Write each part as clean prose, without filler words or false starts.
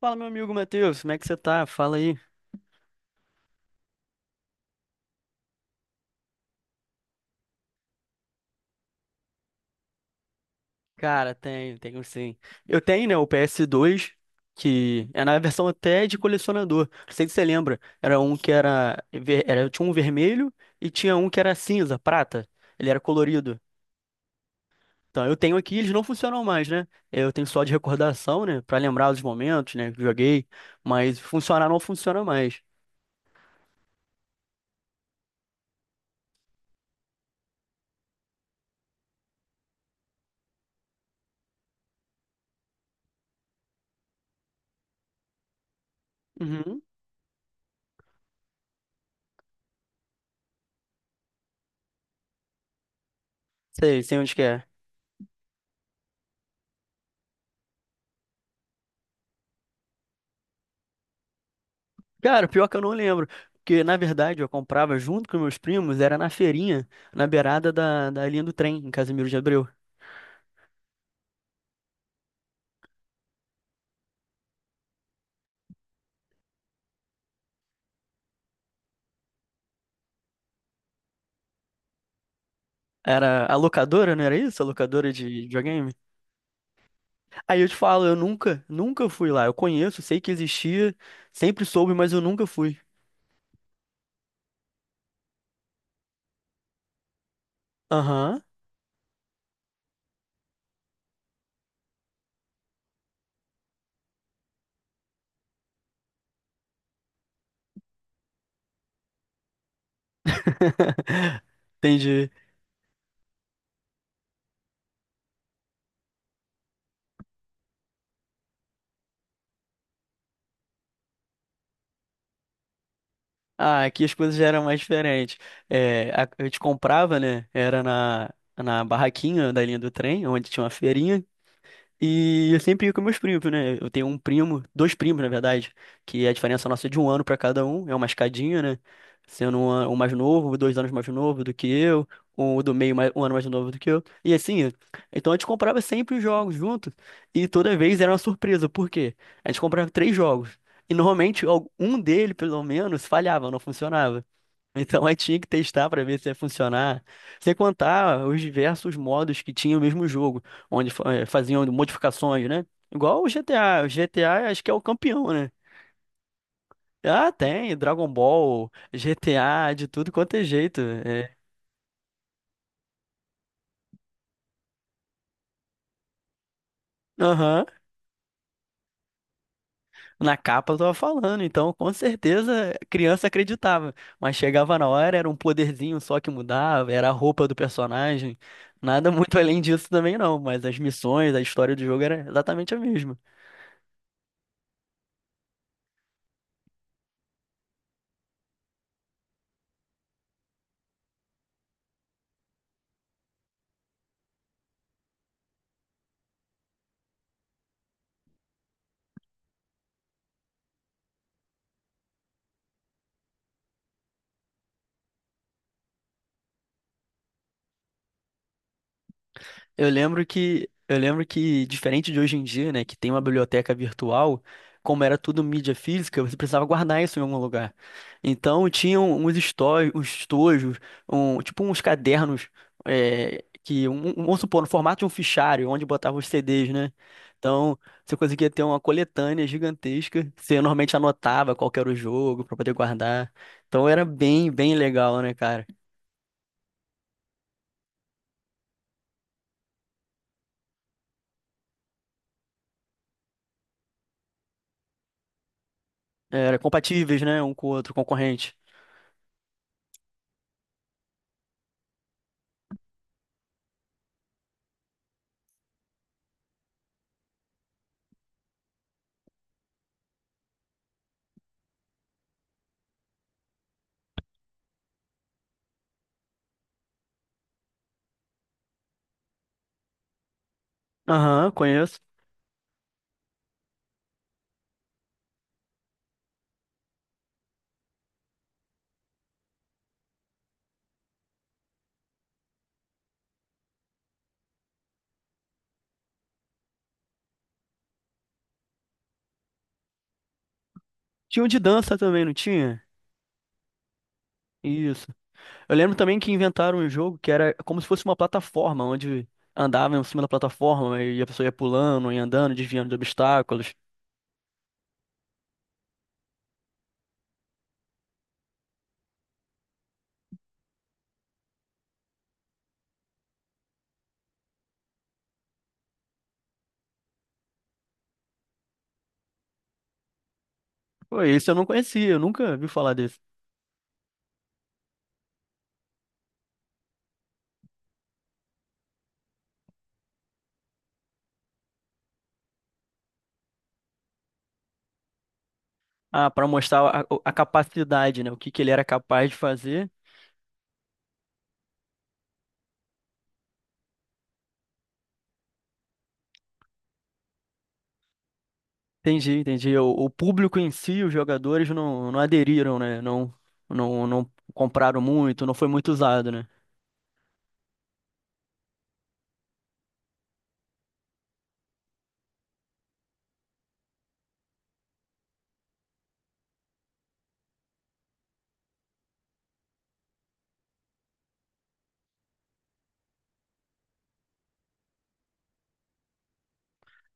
Fala, meu amigo Matheus, como é que você tá? Fala aí. Cara, tenho sim. Eu tenho, né, o PS2, que é na versão até de colecionador. Não sei se você lembra. Era um que era. Tinha um vermelho e tinha um que era cinza, prata. Ele era colorido. Então, eu tenho aqui, eles não funcionam mais, né? Eu tenho só de recordação, né, pra lembrar os momentos, né, que joguei. Mas funcionar não funciona mais. Uhum. Sei, sei onde que é. Cara, pior que eu não lembro. Porque, na verdade, eu comprava junto com meus primos, era na feirinha, na beirada da linha do trem, em Casimiro de Abreu. Era a locadora, não era isso? A locadora de videogame? Aí eu te falo, eu nunca, nunca fui lá. Eu conheço, sei que existia, sempre soube, mas eu nunca fui. Aham. Entendi. Ah, aqui as coisas já eram mais diferentes. É, a gente comprava, né? Era na, na barraquinha da linha do trem, onde tinha uma feirinha. E eu sempre ia com meus primos, né? Eu tenho um primo, dois primos, na verdade, que a diferença nossa é de um ano pra cada um, é uma escadinha, né? Sendo um mais novo, dois anos mais novo do que eu, um do meio mais, um ano mais novo do que eu. E assim, então a gente comprava sempre os jogos juntos, e toda vez era uma surpresa, por quê? A gente comprava três jogos, e normalmente um dele, pelo menos, falhava, não funcionava. Então aí tinha que testar para ver se ia funcionar. Sem contar os diversos modos que tinha o mesmo jogo, onde faziam modificações, né? Igual o GTA. O GTA acho que é o campeão, né? Ah, tem Dragon Ball, GTA, de tudo quanto é jeito. É. Aham. Na capa eu tava falando, então com certeza a criança acreditava. Mas chegava na hora, era um poderzinho só que mudava, era a roupa do personagem. Nada muito além disso também não, mas as missões, a história do jogo era exatamente a mesma. Eu lembro que, diferente de hoje em dia, né, que tem uma biblioteca virtual, como era tudo mídia física, você precisava guardar isso em algum lugar. Então, tinham uns estojos, um, tipo uns cadernos, é, que, vamos supor, no formato de um fichário, onde botava os CDs, né? Então, você conseguia ter uma coletânea gigantesca, você normalmente anotava qual que era o jogo para poder guardar. Então, era bem, bem legal, né, cara? Era compatíveis, né? Um com o outro, concorrente. Aham, conheço. Tinha um de dança também, não tinha? Isso. Eu lembro também que inventaram um jogo que era como se fosse uma plataforma, onde andava em cima da plataforma e a pessoa ia pulando ia andando, desviando de obstáculos. Pô, isso. Eu não conhecia, eu nunca vi falar desse. Ah, pra mostrar a capacidade, né? O que que ele era capaz de fazer. Entendi, entendi. O público em si, os jogadores não, não aderiram, né? Não, não, não compraram muito, não foi muito usado, né?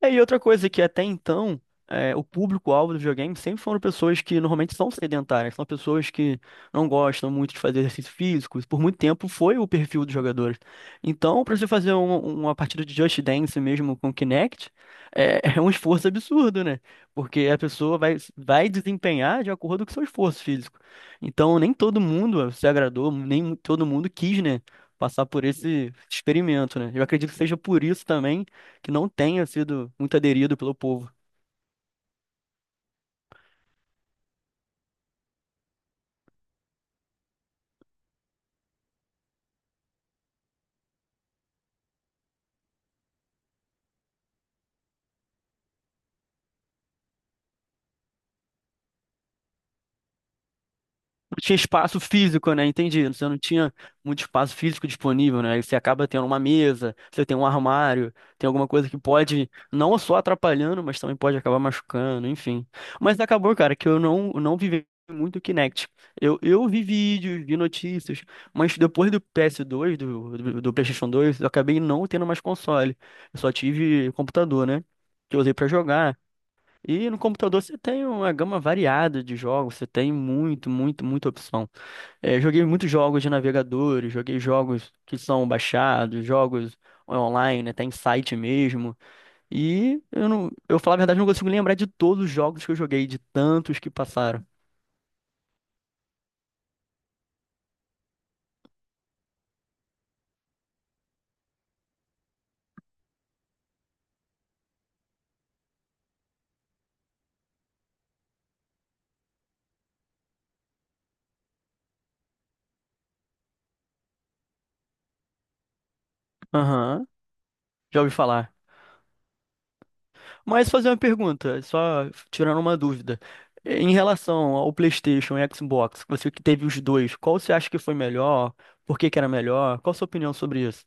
É, e outra coisa que até então, é, o público-alvo do videogame sempre foram pessoas que normalmente são sedentárias, são pessoas que não gostam muito de fazer exercício físico, isso por muito tempo foi o perfil dos jogadores. Então, para você fazer uma partida de Just Dance mesmo com Kinect, é, é um esforço absurdo, né? Porque a pessoa vai, vai desempenhar de acordo com o seu esforço físico. Então, nem todo mundo se agradou, nem todo mundo quis, né? Passar por esse experimento, né? Eu acredito que seja por isso também que não tenha sido muito aderido pelo povo. Não tinha espaço físico, né? Entendi. Você não tinha muito espaço físico disponível, né? Aí você acaba tendo uma mesa, você tem um armário, tem alguma coisa que pode não só atrapalhando, mas também pode acabar machucando, enfim. Mas acabou, cara, que eu não, não vivi muito o Kinect. Eu vi vídeos, vi notícias, mas depois do PS2, do PlayStation 2, eu acabei não tendo mais console. Eu só tive computador, né? Que eu usei pra jogar. E no computador você tem uma gama variada de jogos, você tem muito, muito, muita opção. É, joguei muitos jogos de navegadores, joguei jogos que são baixados, jogos online, né, tem site mesmo. E eu não, eu falar a verdade, não consigo lembrar de todos os jogos que eu joguei, de tantos que passaram. Aham, já ouvi falar. Mas fazer uma pergunta, só tirando uma dúvida. Em relação ao PlayStation e Xbox, você que teve os dois, qual você acha que foi melhor? Por que que era melhor? Qual a sua opinião sobre isso?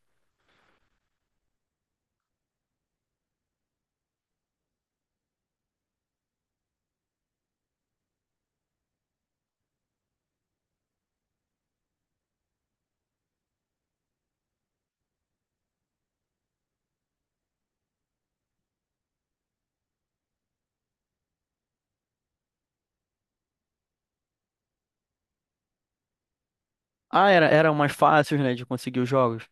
Ah, era, eram mais fáceis, né, de conseguir os jogos.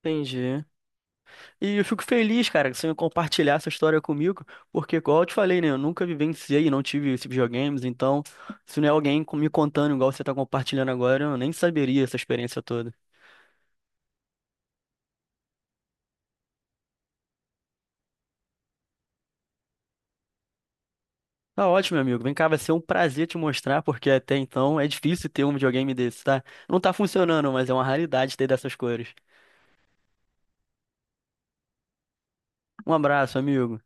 Entendi. E eu fico feliz, cara, que você compartilhar essa história comigo, porque, igual eu te falei, né, eu nunca vivenciei e não tive esses videogames, então, se não é alguém me contando igual você tá compartilhando agora, eu nem saberia essa experiência toda. Tá ótimo, meu amigo. Vem cá, vai ser um prazer te mostrar, porque até então é difícil ter um videogame desse, tá? Não tá funcionando, mas é uma raridade ter dessas cores. Um abraço, amigo.